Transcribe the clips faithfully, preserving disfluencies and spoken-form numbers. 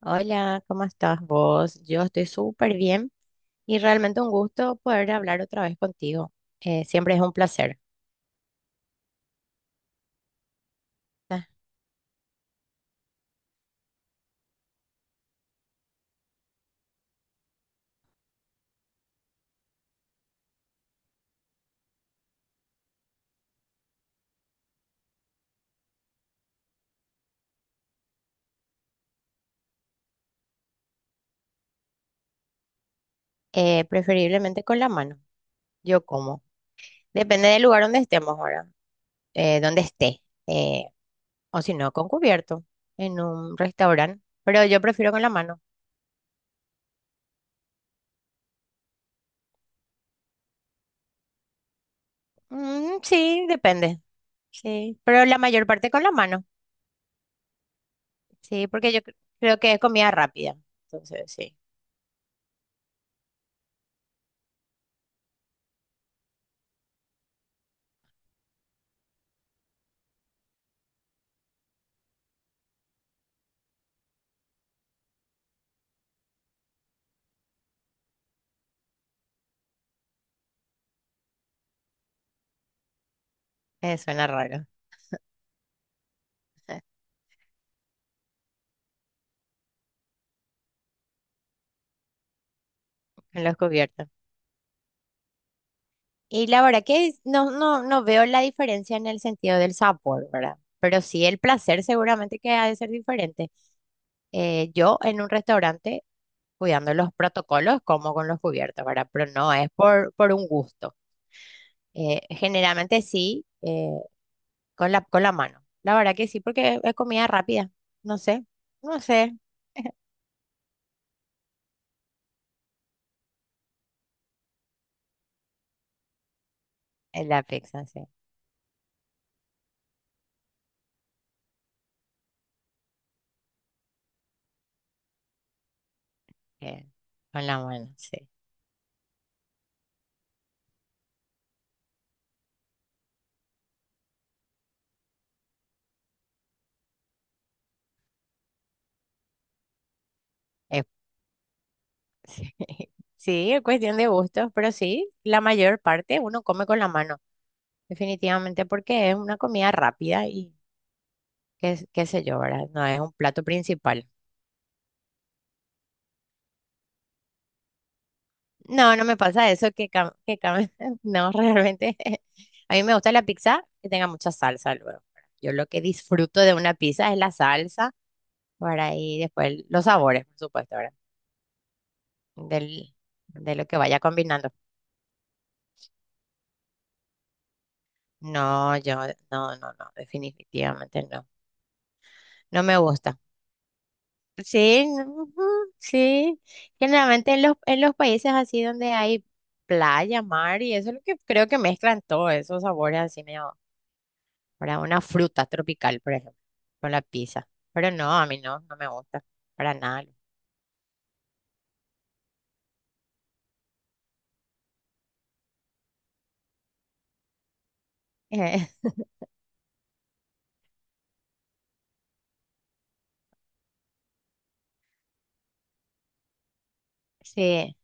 Hola, ¿cómo estás vos? Yo estoy súper bien y realmente un gusto poder hablar otra vez contigo. Eh, siempre es un placer. Ah. Eh, preferiblemente con la mano. Yo como. Depende del lugar donde estemos ahora, eh, donde esté, eh, o si no, con cubierto en un restaurante. Pero yo prefiero con la mano. Mm, sí, depende. Sí, pero la mayor parte con la mano. Sí, porque yo cre- creo que es comida rápida. Entonces, sí, eh, suena raro. Con los cubiertos. Y la verdad que no, no, no veo la diferencia en el sentido del sabor, ¿verdad? Pero sí el placer seguramente que ha de ser diferente. Eh, yo en un restaurante, cuidando los protocolos, como con los cubiertos, ¿verdad? Pero no es por, por un gusto. Eh, generalmente sí, eh, con la, con la mano. La verdad que sí, porque es comida rápida. No sé, no sé. Es la pizza, sí. eh, con la mano, sí. Es- sí. Sí, es cuestión de gustos, pero sí, la mayor parte uno come con la mano. Definitivamente porque es una comida rápida y qué, qué sé yo, ¿verdad? No es un plato principal. No, no me pasa eso que, cam- que cam- no, realmente. A mí me gusta la pizza que tenga mucha salsa luego. ¿Verdad? Yo lo que disfruto de una pizza es la salsa, ¿verdad? Y después el- los sabores, por supuesto, ¿verdad? Del, de lo que vaya combinando. No, yo, no, no, no, definitivamente no. No me gusta. Sí, no, ujú, sí. Generalmente en los, en los países así donde hay playa, mar y eso es lo que creo que mezclan todos esos sabores así medio para una fruta tropical, por ejemplo, con la pizza. Pero no, a mí no, no me gusta para nada. Eh, sí,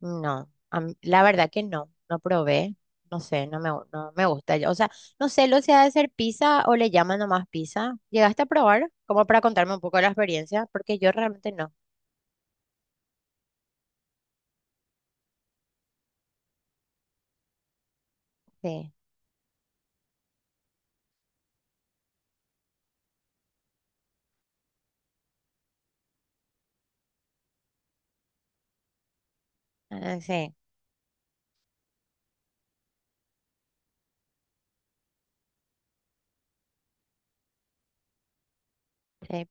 no. A mí- la verdad que no, no probé. No sé, no me, gu- no me gusta. O sea, no sé lo sea de ser pizza o le llaman nomás pizza. ¿Llegaste a probar? Como para contarme un poco de la experiencia, porque yo realmente no. Sí, ah, sí. Sí,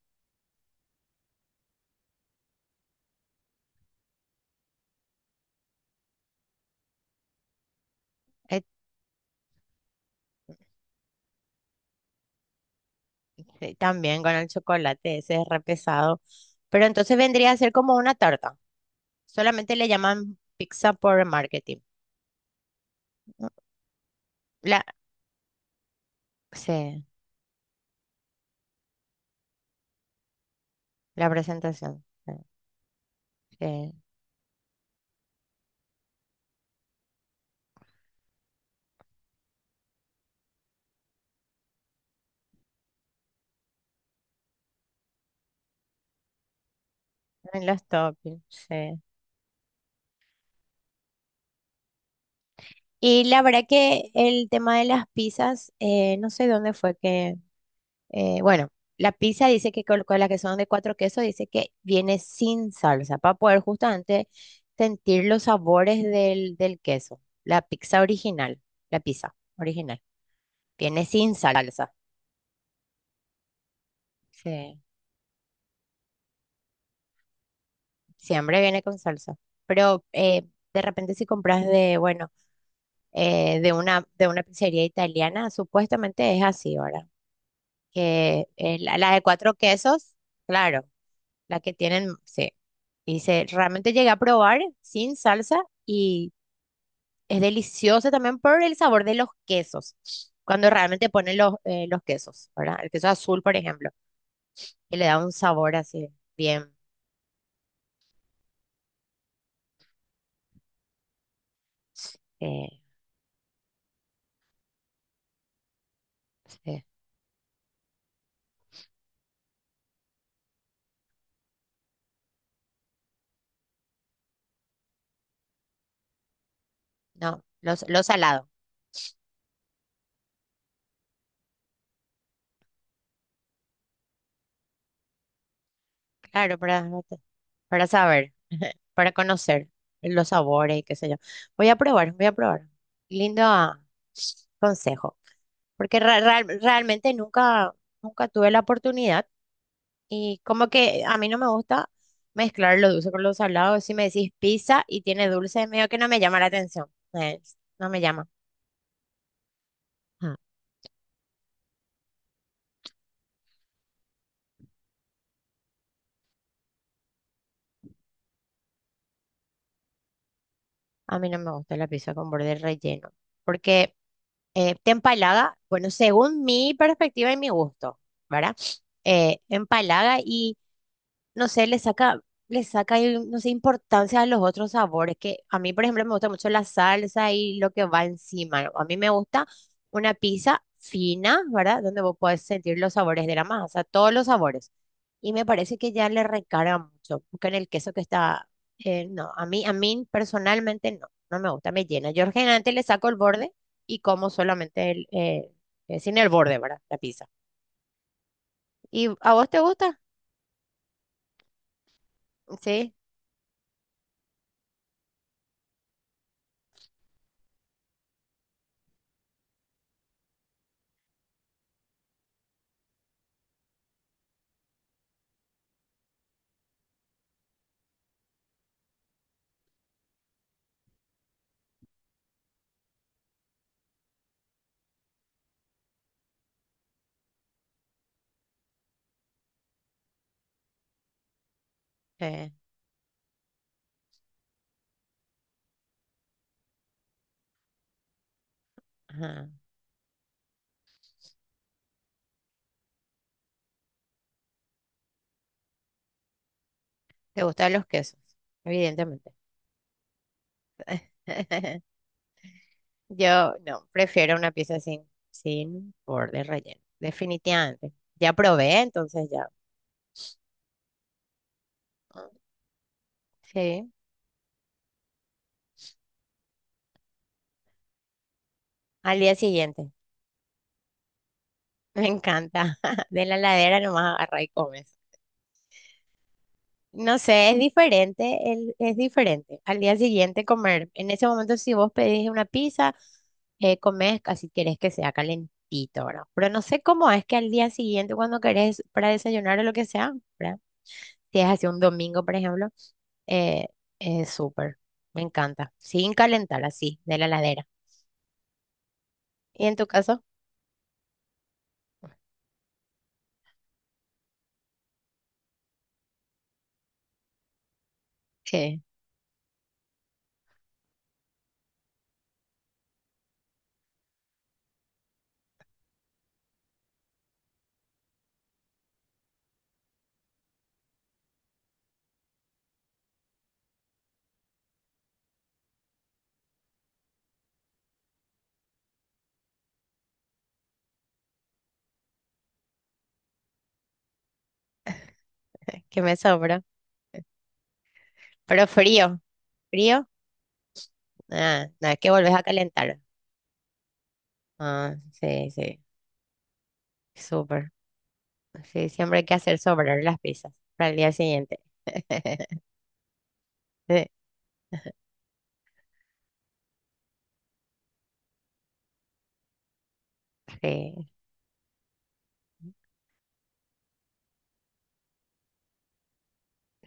eh, sí, también con el chocolate, ese es re pesado. Pero entonces vendría a ser como una tarta. Solamente le llaman pizza por marketing. ¿No? La, sí, la presentación. Sí, sí, en los toppings, sí. Y la verdad que el tema de las pizzas, eh, no sé dónde fue que Eh, bueno, la pizza dice que con, con las que son de cuatro quesos, dice que viene sin salsa para poder justamente sentir los sabores del, del queso. La pizza original, la pizza original viene sin salsa. Sí, siempre viene con salsa. Pero eh, de repente si compras de, bueno, eh, de una, de una pizzería italiana, supuestamente es así, ¿verdad? Que eh, la, la de cuatro quesos, claro. La que tienen, sí. Dice, realmente llegué a probar sin salsa y es deliciosa también por el sabor de los quesos. Cuando realmente ponen los, eh, los quesos, ¿verdad? El queso azul, por ejemplo, que le da un sabor así bien, eh, sí. No, los lo salado. Claro, para, para saber, para conocer los sabores y qué sé yo. Voy a probar, voy a probar. Lindo ah, consejo, porque ra- ra- realmente nunca, nunca tuve la oportunidad. Y como que a mí no me gusta mezclar lo dulce con lo salado. Si me decís pizza y tiene dulce, medio que no me llama la atención. Eh, no me llama. Ah, a mí no me gusta la pizza con borde relleno. Porque eh, te empalaga, bueno, según mi perspectiva y mi gusto, ¿verdad? Eh, empalaga no sé, le saca, le saca, eh, no sé, importancia a los otros sabores, que a mí, por ejemplo, me gusta mucho la salsa y lo que va encima, ¿no? A mí me gusta una pizza fina, ¿verdad? Donde vos podés sentir los sabores de la masa, todos los sabores. Y me parece que ya le recarga mucho, porque en el queso que está, eh, no, a mí, a mí personalmente no, no me gusta, me llena. Yo generalmente le saco el borde y como solamente el, eh, eh, sin el borde, ¿verdad? La pizza. ¿Y a vos te gusta? Sí. eh, ajá. ¿Te gustan los quesos? Evidentemente. Yo no, prefiero una pieza sin, sin borde relleno. Definitivamente. Ya probé, entonces ya. Mm, sí. Al día siguiente. Me encanta. De la heladera nomás agarra y comes. No sé, es diferente, el- es diferente. Al día siguiente comer. En ese momento, si vos pedís una pizza, eh, comes casi querés que sea calentito, ¿verdad? Pero no sé cómo es que al día siguiente, cuando querés para desayunar o lo que sea, ¿verdad? Si es así un domingo, por ejemplo, eh, es súper. Me encanta. Sin calentar, así, de la heladera. ¿Y en tu caso? ¿Qué? ¿Qué me sobra? Pero frío. ¿Frío? Ah, no, es que volvés a calentar. Ah, sí, sí. Súper. Sí, siempre hay que hacer sobrar las pizzas para el día siguiente. Sí.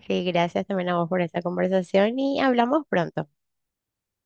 Sí, gracias también a vos por esta conversación y hablamos pronto.